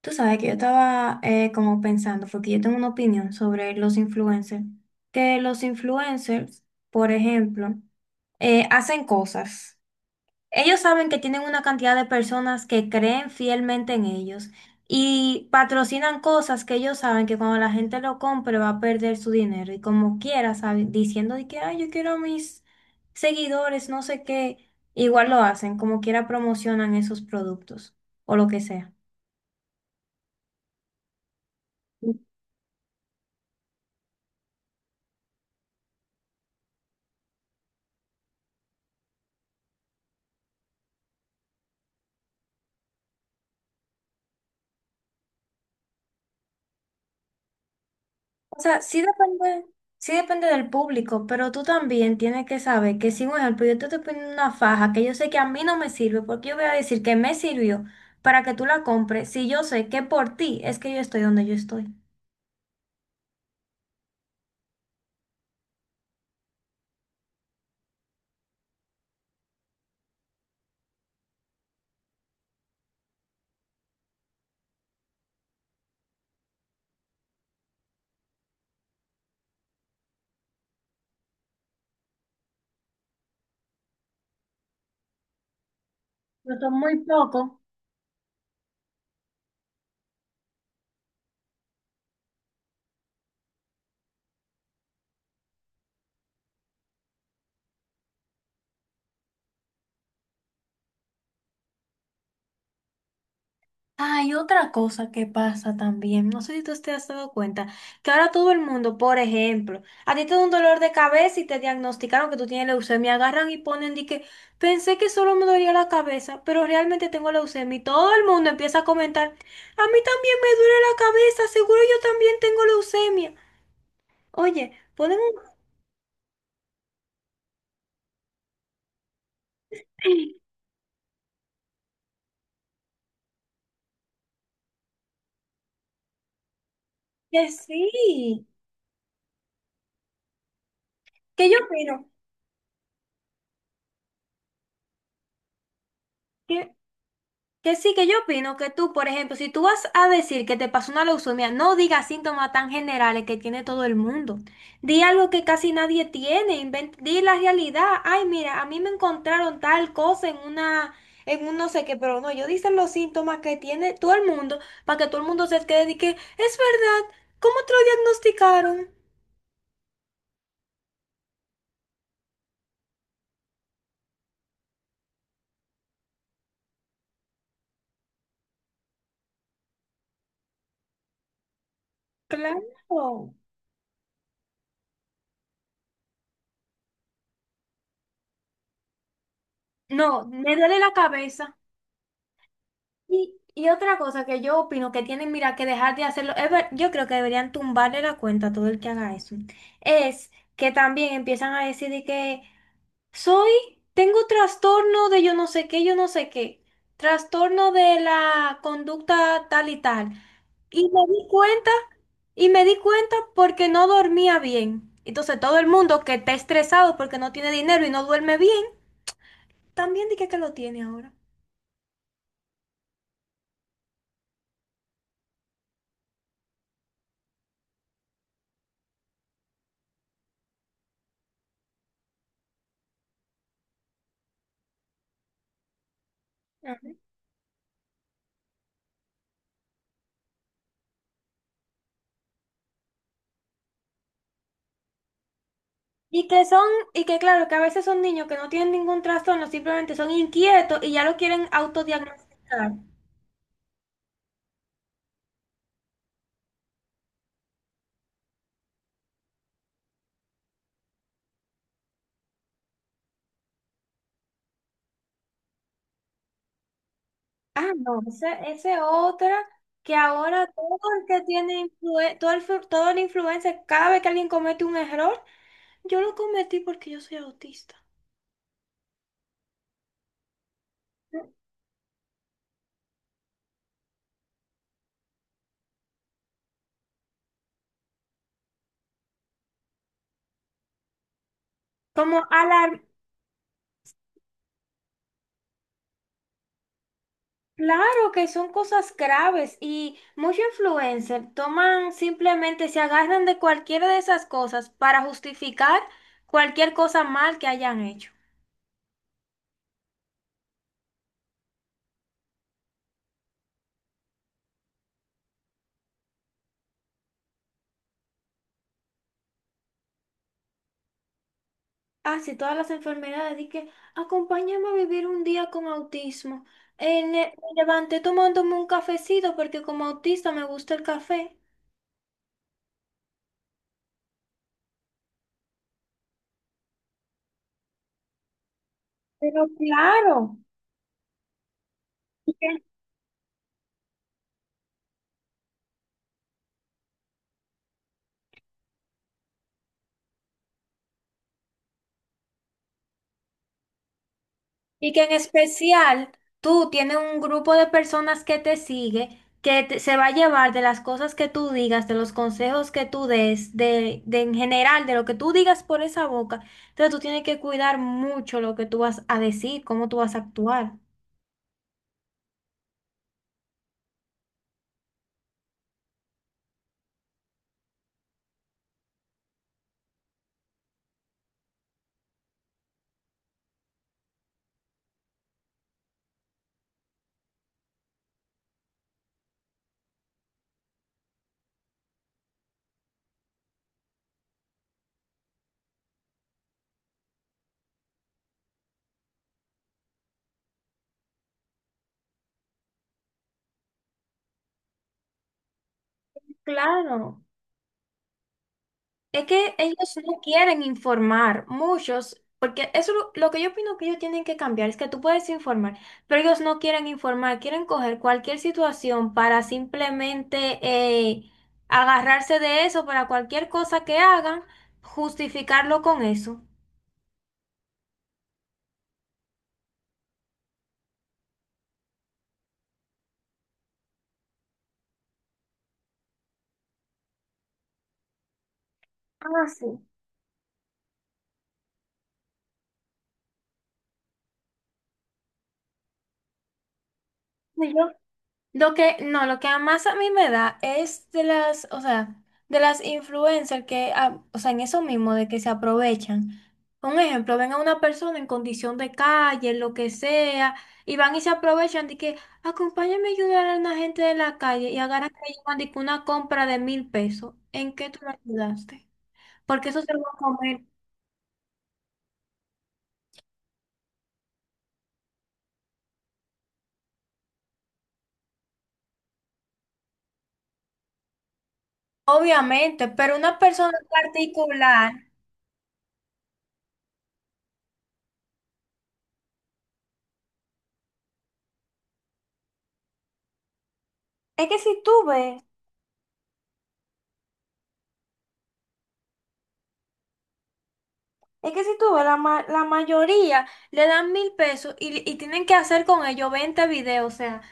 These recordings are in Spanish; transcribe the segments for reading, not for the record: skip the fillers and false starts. Tú sabes que yo estaba como pensando, porque yo tengo una opinión sobre los influencers, que los influencers, por ejemplo, hacen cosas. Ellos saben que tienen una cantidad de personas que creen fielmente en ellos y patrocinan cosas que ellos saben que cuando la gente lo compre va a perder su dinero y como quiera, diciendo de que, ay, yo quiero a mis seguidores, no sé qué, igual lo hacen, como quiera promocionan esos productos o lo que sea. O sea, sí depende del público, pero tú también tienes que saber que si, por ejemplo, yo te estoy poniendo una faja que yo sé que a mí no me sirve, porque yo voy a decir que me sirvió para que tú la compres, si yo sé que por ti es que yo estoy donde yo estoy. Yo soy muy poco. Hay otra cosa que pasa también, no sé si tú te has dado cuenta, que ahora todo el mundo, por ejemplo, a ti te da un dolor de cabeza y te diagnosticaron que tú tienes leucemia, agarran y ponen de que pensé que solo me dolía la cabeza, pero realmente tengo leucemia y todo el mundo empieza a comentar, a mí también me duele la cabeza, seguro yo también tengo leucemia. Oye, ponen un... ¿Que sí, que yo opino? Que sí, que yo opino que tú, por ejemplo, si tú vas a decir que te pasó una leucemia, no digas síntomas tan generales que tiene todo el mundo. Di algo que casi nadie tiene, di la realidad. Ay, mira, a mí me encontraron tal cosa en una, en un no sé qué, pero no, yo dicen los síntomas que tiene todo el mundo para que todo el mundo se quede y que es verdad, ¿cómo te lo diagnosticaron? Claro. No, me duele la cabeza. Y otra cosa que yo opino que tienen, mira, que dejar de hacerlo, es yo creo que deberían tumbarle la cuenta a todo el que haga eso, es que también empiezan a decir de que soy, tengo trastorno de yo no sé qué, yo no sé qué, trastorno de la conducta tal y tal. Y me di cuenta, y me di cuenta porque no dormía bien. Entonces todo el mundo que está estresado porque no tiene dinero y no duerme bien, también dije que lo tiene ahora. Y que son, y que claro, que a veces son niños que no tienen ningún trastorno, simplemente son inquietos y ya lo quieren autodiagnosticar. Ah, no, ese otra que ahora todo el que tiene todo el, todo el influencer, cada vez que alguien comete un error, yo lo cometí porque yo soy autista. Como alarm, claro que son cosas graves y muchos influencers toman simplemente, se agarran de cualquiera de esas cosas para justificar cualquier cosa mal que hayan hecho. Así todas las enfermedades, y que acompáñame a vivir un día con autismo. Me levanté tomándome un cafecito porque como autista me gusta el café. Pero claro. Y que y que en especial tú tienes un grupo de personas que te sigue, se va a llevar de las cosas que tú digas, de los consejos que tú des, de en general, de lo que tú digas por esa boca. Entonces tú tienes que cuidar mucho lo que tú vas a decir, cómo tú vas a actuar. Claro. Es que ellos no quieren informar, muchos, porque eso lo que yo opino que ellos tienen que cambiar es que tú puedes informar, pero ellos no quieren informar, quieren coger cualquier situación para simplemente agarrarse de eso, para cualquier cosa que hagan, justificarlo con eso. Ah, sí. Yo lo que, no, lo que más a mí me da es de las, o sea, de las influencers que, ah, o sea, en eso mismo, de que se aprovechan. Un ejemplo, ven a una persona en condición de calle, lo que sea, y van y se aprovechan de que, acompáñame a ayudar a una gente de la calle y agarran que llevan de que una compra de mil pesos. ¿En qué tú la ayudaste? Porque eso se lo va a comer. Obviamente, pero una persona en particular, es que si tú ves... Es que si tú ves, la mayoría le dan mil pesos y tienen que hacer con ello 20 videos. O sea,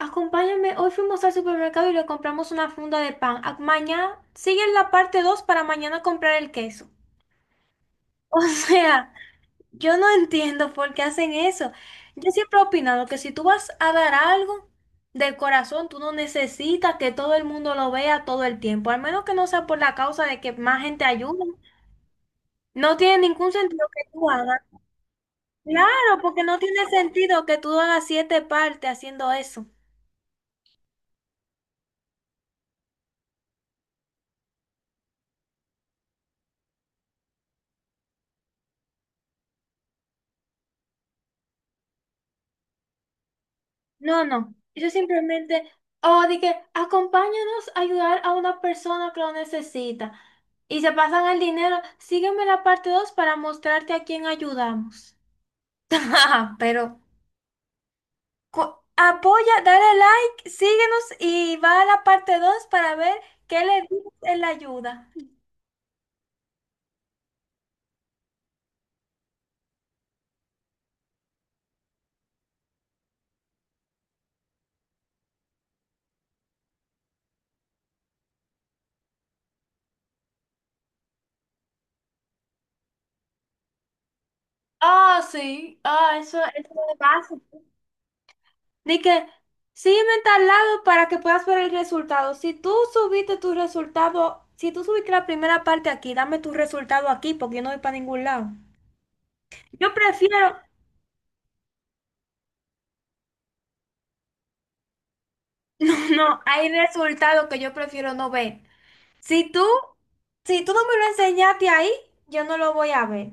acompáñame, hoy fuimos al supermercado y le compramos una funda de pan. Ah, mañana siguen la parte 2 para mañana comprar el queso. O sea, yo no entiendo por qué hacen eso. Yo siempre he opinado que si tú vas a dar algo del corazón, tú no necesitas que todo el mundo lo vea todo el tiempo. Al menos que no sea por la causa de que más gente ayude. No tiene ningún sentido que tú hagas. Claro, porque no tiene sentido que tú hagas siete partes haciendo eso. No, no. Yo simplemente, o de que acompáñanos a ayudar a una persona que lo necesita. Y se pasan el dinero. Sígueme la parte 2 para mostrarte a quién ayudamos. Pero apoya, dale like, síguenos y va a la parte 2 para ver qué le dices en la ayuda. Ah, sí. Ah, eso es básico. De que sígueme en tal lado para que puedas ver el resultado. Si tú subiste tu resultado, si tú subiste la primera parte aquí, dame tu resultado aquí porque yo no voy para ningún lado. Yo prefiero, no, no, hay resultados que yo prefiero no ver. Si tú, si tú no me lo enseñaste ahí, yo no lo voy a ver.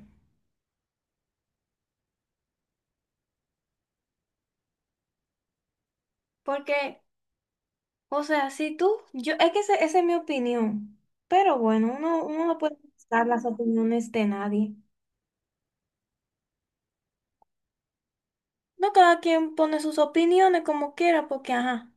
Porque, o sea, si tú, yo, es que esa es mi opinión. Pero bueno, uno, uno no puede dar las opiniones de nadie. No, cada quien pone sus opiniones como quiera, porque ajá.